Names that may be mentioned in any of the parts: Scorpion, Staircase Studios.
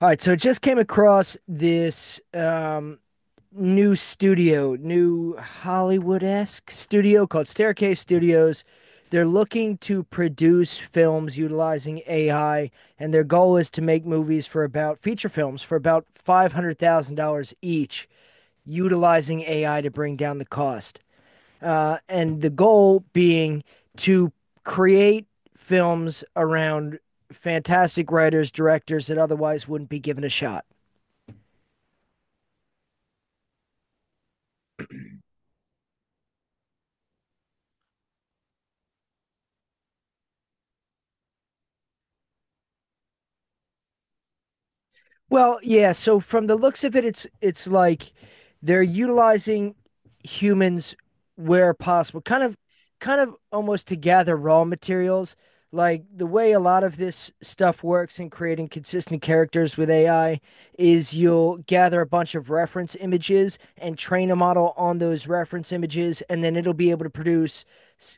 All right, so I just came across this new studio, new Hollywood-esque studio called Staircase Studios. They're looking to produce films utilizing AI, and their goal is to make movies for about feature films for about $500,000 each, utilizing AI to bring down the cost. And the goal being to create films around fantastic writers, directors that otherwise wouldn't be given a shot. Well, yeah, so from the looks of it, it's like they're utilizing humans where possible, kind of almost to gather raw materials. Like the way a lot of this stuff works in creating consistent characters with AI is you'll gather a bunch of reference images and train a model on those reference images, and then it'll be able to produce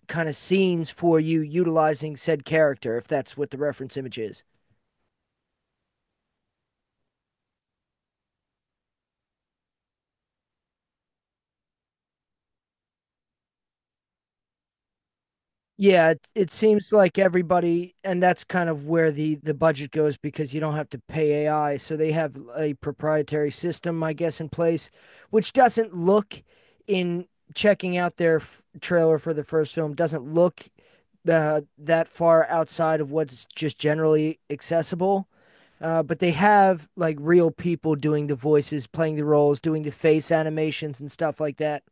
kind of scenes for you utilizing said character if that's what the reference image is. Yeah, it seems like everybody, and that's kind of where the budget goes because you don't have to pay AI. So they have a proprietary system, I guess, in place, which doesn't look in checking out their trailer for the first film doesn't look that far outside of what's just generally accessible. But they have like real people doing the voices, playing the roles, doing the face animations and stuff like that.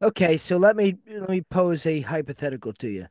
Okay, so let me pose a hypothetical to you.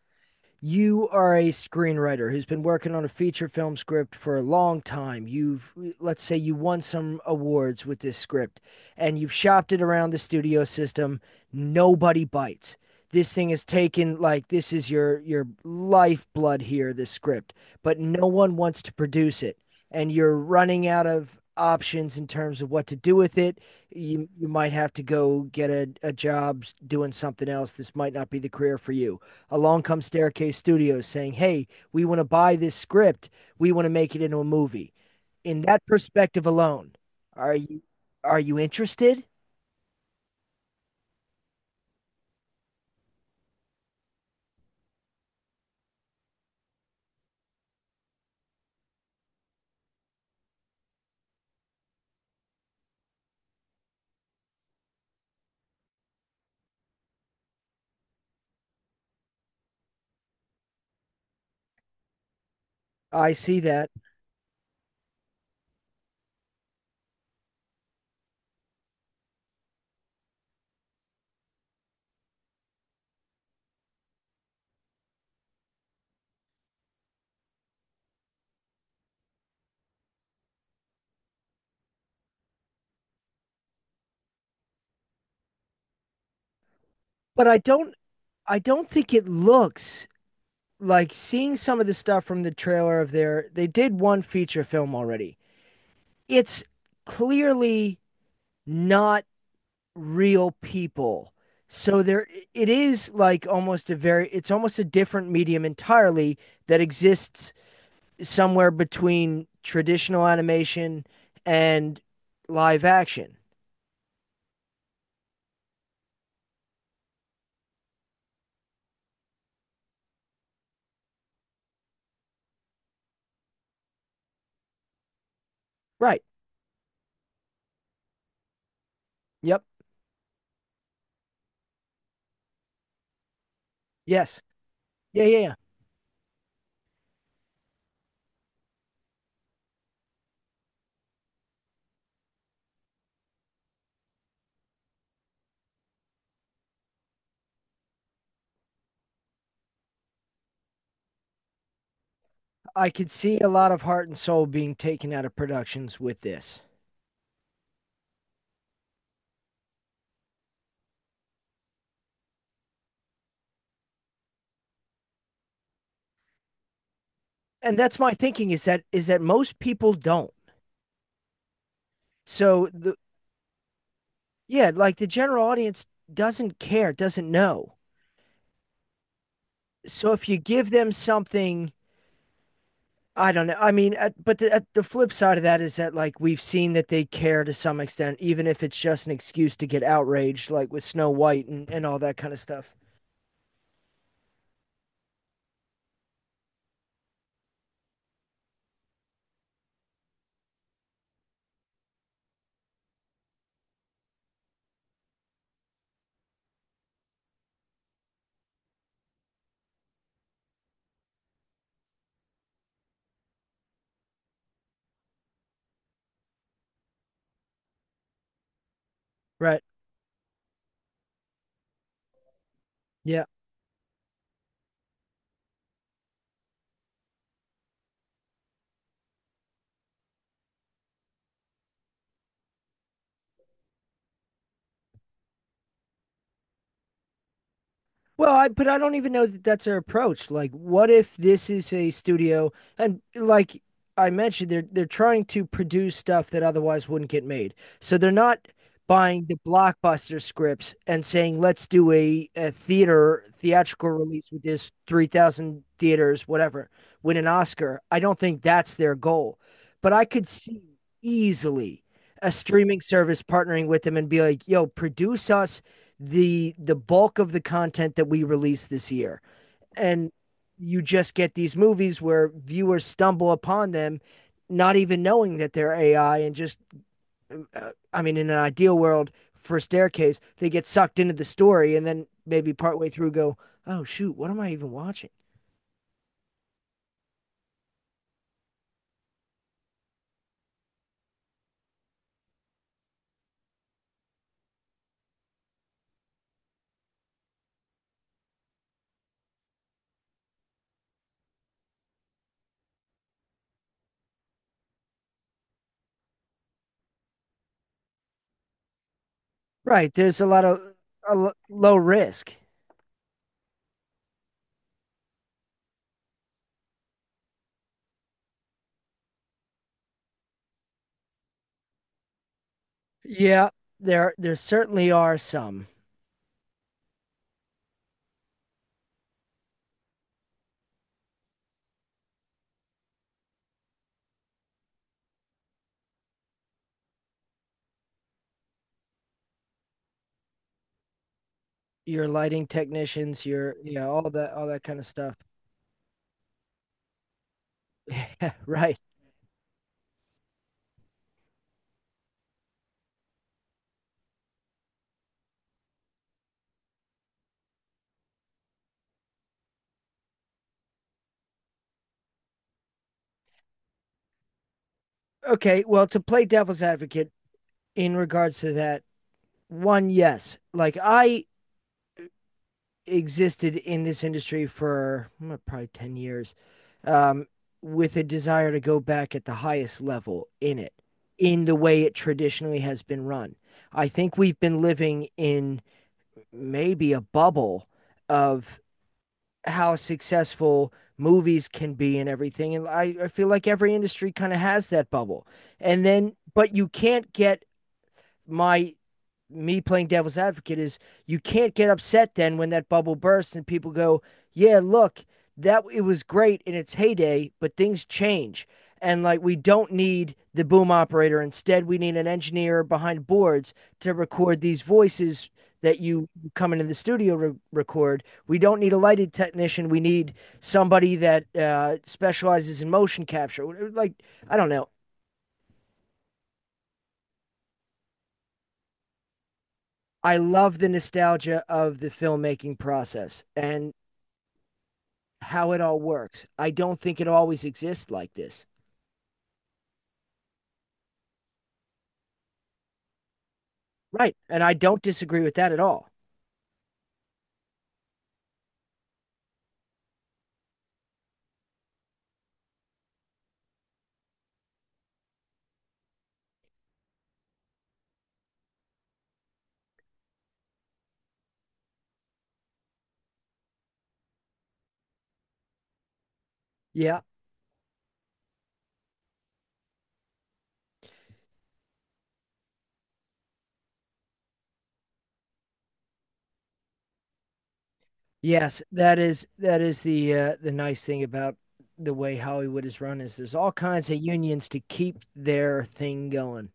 You are a screenwriter who's been working on a feature film script for a long time. You've, let's say, you won some awards with this script and you've shopped it around the studio system. Nobody bites. This thing is taken like this is your lifeblood here, this script, but no one wants to produce it. And you're running out of options in terms of what to do with it. You might have to go get a job doing something else. This might not be the career for you. Along comes Staircase Studios saying, "Hey, we want to buy this script. We want to make it into a movie." In that perspective alone, are you are you interested? I see that, but I don't think it looks like seeing some of the stuff from the trailer of their they did one feature film already. It's clearly not real people. So there it is like almost a very it's almost a different medium entirely that exists somewhere between traditional animation and live action. Right. Yep. Yes. Yeah, yeah, yeah. I could see a lot of heart and soul being taken out of productions with this. And that's my thinking is that most people don't. So the yeah, like the general audience doesn't care, doesn't know. So if you give them something I don't know. I mean, at, but the, at the flip side of that is that like we've seen that they care to some extent, even if it's just an excuse to get outraged, like with Snow White and all that kind of stuff. Right. Yeah. Well, I but I don't even know that that's our approach. Like, what if this is a studio and like I mentioned, they're trying to produce stuff that otherwise wouldn't get made. So they're not buying the blockbuster scripts and saying, let's do a theater theatrical release with this 3,000 theaters, whatever, win an Oscar. I don't think that's their goal. But I could see easily a streaming service partnering with them and be like, yo, produce us the bulk of the content that we release this year. And you just get these movies where viewers stumble upon them not even knowing that they're AI and just I mean in an ideal world for staircase they get sucked into the story and then maybe partway through go, "Oh shoot, what am I even watching?" Right, there's a lot of a low risk. Yeah, there certainly are some. Your lighting technicians, your you know all that kind of stuff. Right. Okay, well, to play devil's advocate in regards to that, one, yes, like I existed in this industry for probably 10 years um, with a desire to go back at the highest level in it, in the way it traditionally has been run. I think we've been living in maybe a bubble of how successful movies can be and everything. And I feel like every industry kind of has that bubble. And then, but you can't get my me playing devil's advocate is you can't get upset then when that bubble bursts and people go, yeah, look, that it was great in its heyday, but things change. And like we don't need the boom operator. Instead, we need an engineer behind boards to record these voices that you come into the studio record. We don't need a lighted technician. We need somebody that specializes in motion capture. Like I don't know. I love the nostalgia of the filmmaking process, and how it all works. I don't think it always exists like this. Right. And I don't disagree with that at all. Yeah. Yes, that is the nice thing about the way Hollywood is run is there's all kinds of unions to keep their thing going.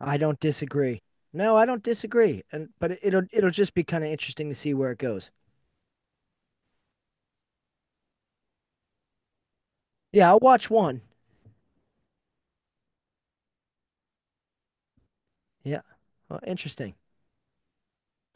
I don't disagree. No, I don't disagree. And but it- will it'll just be kind of interesting to see where it goes. Yeah, I'll watch one. Yeah. Well, interesting.